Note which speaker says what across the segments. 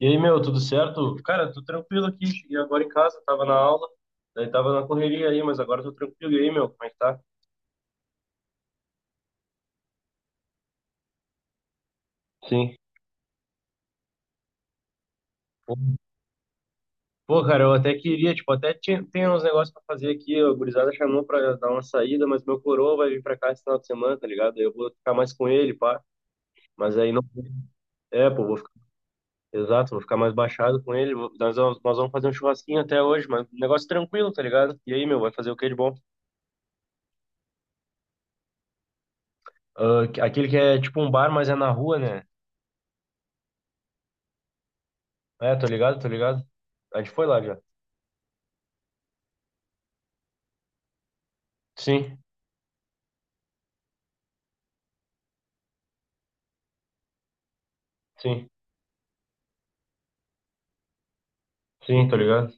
Speaker 1: E aí, meu, tudo certo? Cara, tô tranquilo aqui. Cheguei agora em casa, tava na aula, daí tava na correria aí, mas agora tô tranquilo. E aí, meu, como é que tá? Sim. Pô, pô, cara, eu até queria, tipo, até tinha, tem uns negócios pra fazer aqui. A gurizada chamou pra dar uma saída, mas meu coroa vai vir pra cá esse final de semana, tá ligado? Aí eu vou ficar mais com ele, pá. Mas aí não. É, pô, vou ficar. Exato, vou ficar mais baixado com ele. Nós vamos fazer um churrasquinho até hoje, mas um negócio tranquilo, tá ligado? E aí, meu, vai fazer o que de bom? Ah, aquele que é tipo um bar, mas é na rua, né? É, tô ligado. A gente foi lá já. Sim, sim, sim, tô ligado.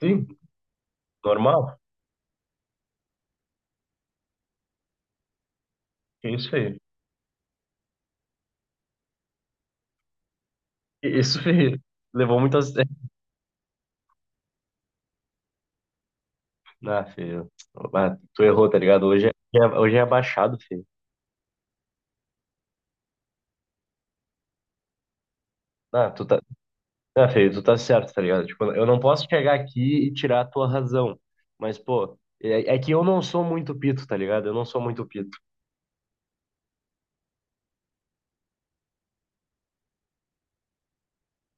Speaker 1: Sim, normal. Que isso, feio. Que isso, feio. Levou muito a sério. Ah, filho. Ah, tu errou, tá ligado? Hoje é abaixado, filho. Ah, tu tá, ah, filho, tu tá certo, tá ligado? Tipo, eu não posso chegar aqui e tirar a tua razão. Mas, pô, é que eu não sou muito pito, tá ligado? Eu não sou muito pito.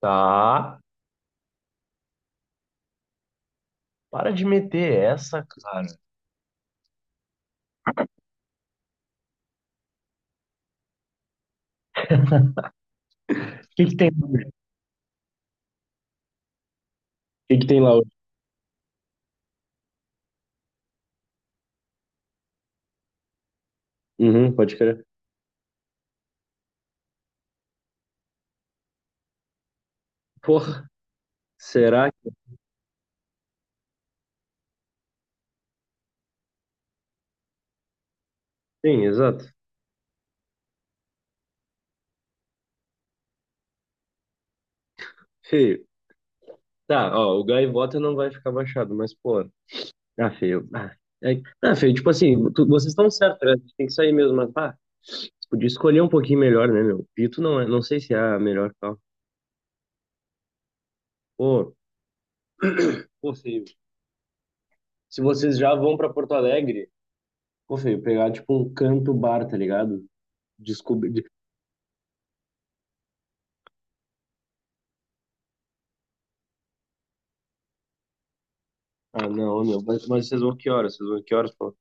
Speaker 1: Tá? Para de meter essa, cara. O que que tem lá hoje? Uhum, pode crer. Porra, será? Sim, exato. Feio. Tá, ó, o Gaivota não vai ficar baixado, mas, pô, ah, feio. É, ah, feio, tipo assim, vocês estão certos, né? A gente tem que sair mesmo, mas, pá, você podia escolher um pouquinho melhor, né, meu? Pito não é, não sei se é a melhor tal. Pô, pô, feio. Se vocês já vão pra Porto Alegre, pô, feio, pegar, tipo, um canto bar, tá ligado? Descobrir. Ah, não, meu, mas vocês vão que horas? Vocês vão que horas, pô?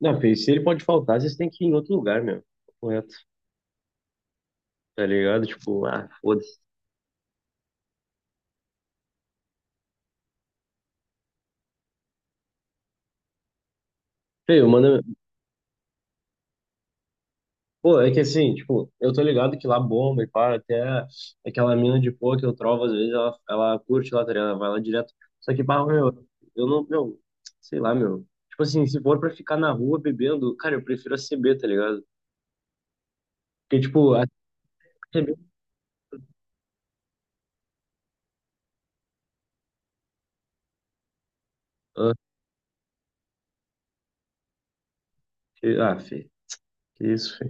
Speaker 1: Não, feio, se ele pode faltar, vocês têm que ir em outro lugar, meu. Correto, tá ligado? Tipo, ah, foda-se. Feio, manda. Pô, é que assim, tipo, eu tô ligado que lá bomba e para até aquela mina de pô que eu trovo, às vezes ela curte lá, tá ligado? Ela vai lá direto. Só que, pá, meu, eu não, meu, sei lá, meu. Tipo assim, se for pra ficar na rua bebendo, cara, eu prefiro a CB, tá ligado? Porque, tipo, a CB. Ah, ah, fi, que isso, fi.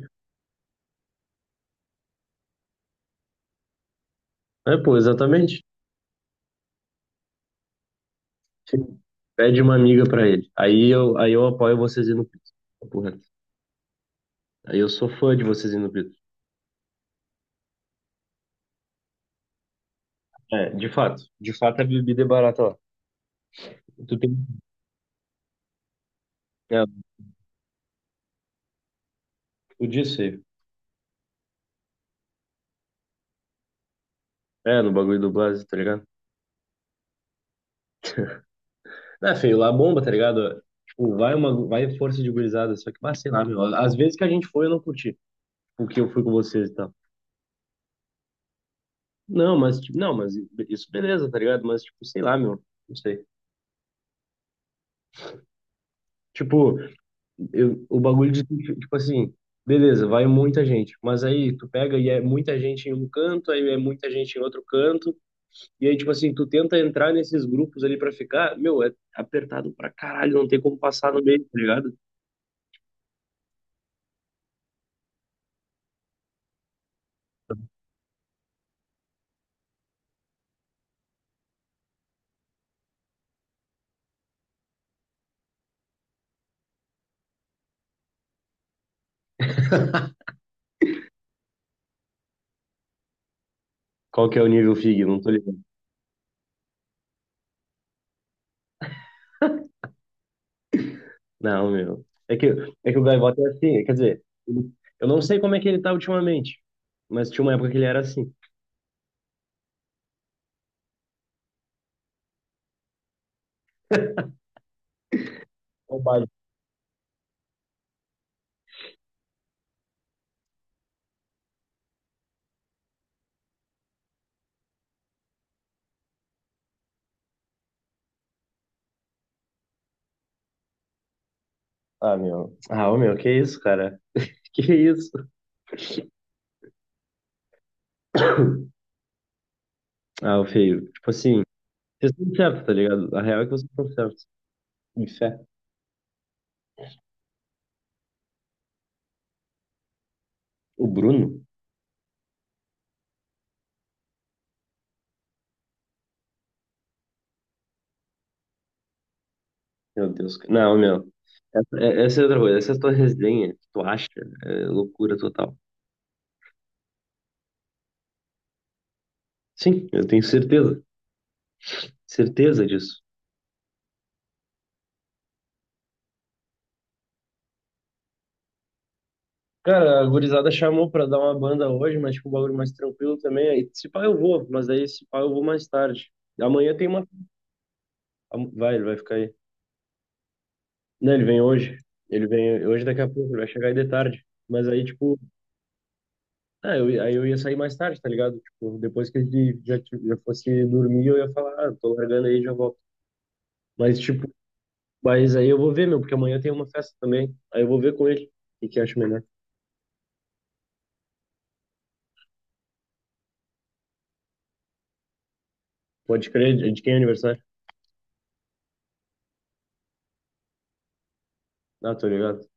Speaker 1: É, pô, exatamente. Pede uma amiga pra ele. Aí eu apoio vocês indo no Pito. Papo reto. Aí eu sou fã de vocês indo no Pito. É, de fato. De fato, a bebida é barata lá. Tu tem. É, tu disse aí. É, no bagulho do Blase, tá ligado? É, feio, lá bomba, tá ligado? Tipo, vai força de gurizada, só que, ah, sei lá, meu, às vezes que a gente foi, eu não curti, porque eu fui com vocês e tal. Não, mas isso beleza, tá ligado? Mas, tipo, sei lá, meu, não sei. Tipo, eu, o bagulho de, tipo assim, beleza, vai muita gente, mas aí tu pega e é muita gente em um canto, aí é muita gente em outro canto, e aí, tipo assim, tu tenta entrar nesses grupos ali pra ficar, meu, é apertado pra caralho, não tem como passar no meio, tá ligado? Qual que é o nível FIG? Não tô ligado. Não, meu. É que o Gaivota é assim, quer dizer, eu não sei como é que ele tá ultimamente, mas tinha uma época que ele era assim. Roubado. Ah, meu. Ah, ô, meu, que isso, cara? Que isso? Ah, o feio. Tipo assim, vocês estão certos, tá ligado? A real é que vocês estão certos. De fé. O Bruno? Meu Deus, cara. Não, meu. Essa é outra coisa. Essa é a tua resenha que tu acha é loucura total. Sim, eu tenho certeza. Certeza disso. Cara, a gurizada chamou pra dar uma banda hoje, mas tipo, um bagulho mais tranquilo também. Aí, se pá, eu vou, mas aí se pá, eu vou mais tarde. Amanhã tem uma. Vai, ele vai ficar aí. Não, ele vem hoje. Ele vem hoje daqui a pouco, ele vai chegar aí de tarde. Mas aí, tipo, aí eu ia sair mais tarde, tá ligado? Tipo, depois que ele já, já fosse dormir, eu ia falar, ah, tô largando aí, já volto. Mas, tipo, mas aí eu vou ver, meu, porque amanhã tem uma festa também. Aí eu vou ver com ele o que que acho melhor. Pode crer, de quem é aniversário? Ah, tô ligado.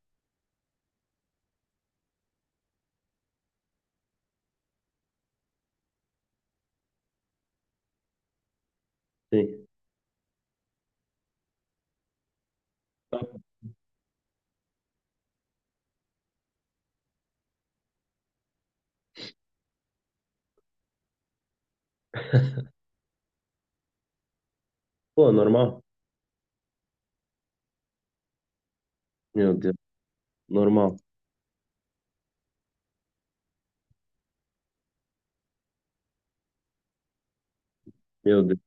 Speaker 1: Sim. Tá. Pô, normal. Meu Deus. Normal. Meu Deus.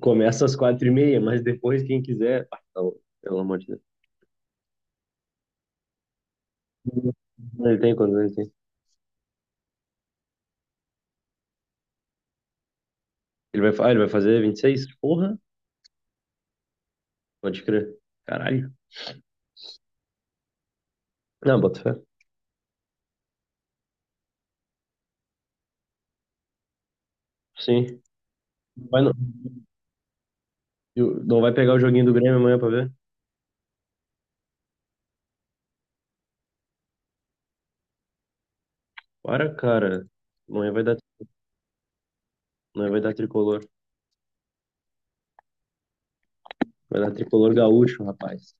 Speaker 1: Começa às 4:30, mas depois quem quiser. Ah, tá louco, pelo amor de Deus. Ele tem? Ah, ele vai fazer 26? Porra, pode crer. Caralho. Não, bota fé. Sim. Vai no- não vai pegar o joguinho do Grêmio amanhã pra ver? Para, cara. Amanhã vai dar, amanhã vai dar tricolor. Vai dar tricolor gaúcho, rapaz.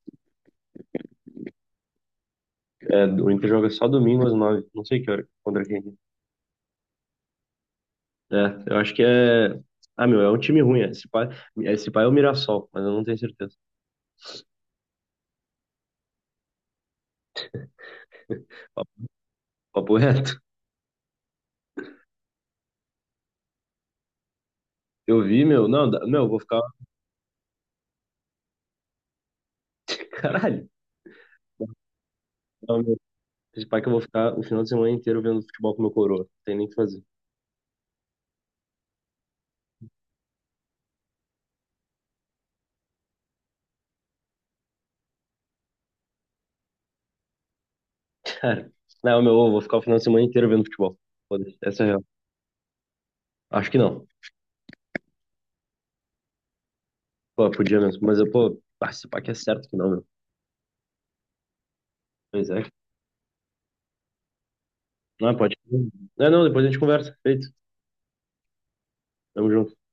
Speaker 1: É, o Inter joga só domingo às 9. Não sei que hora. Contra quem. É, eu acho que é. Ah, meu, é um time ruim. Esse pai é o Mirassol, mas eu não tenho certeza. Papo reto. Eu vi, meu. Não, dá- meu, eu vou ficar. Caralho. Não, meu. Esse pai que eu vou ficar o final de semana inteiro vendo futebol com meu coroa. Não tem nem o que fazer. Cara. Não, meu, eu vou ficar o final de semana inteiro vendo futebol. Foda-se. Essa é a real. Acho que não. Pô, podia mesmo. Mas eu, pô, ah, esse pai que é certo que não, meu. Pois é. Não, pode. Não, não, depois a gente conversa. Feito. Tamo junto.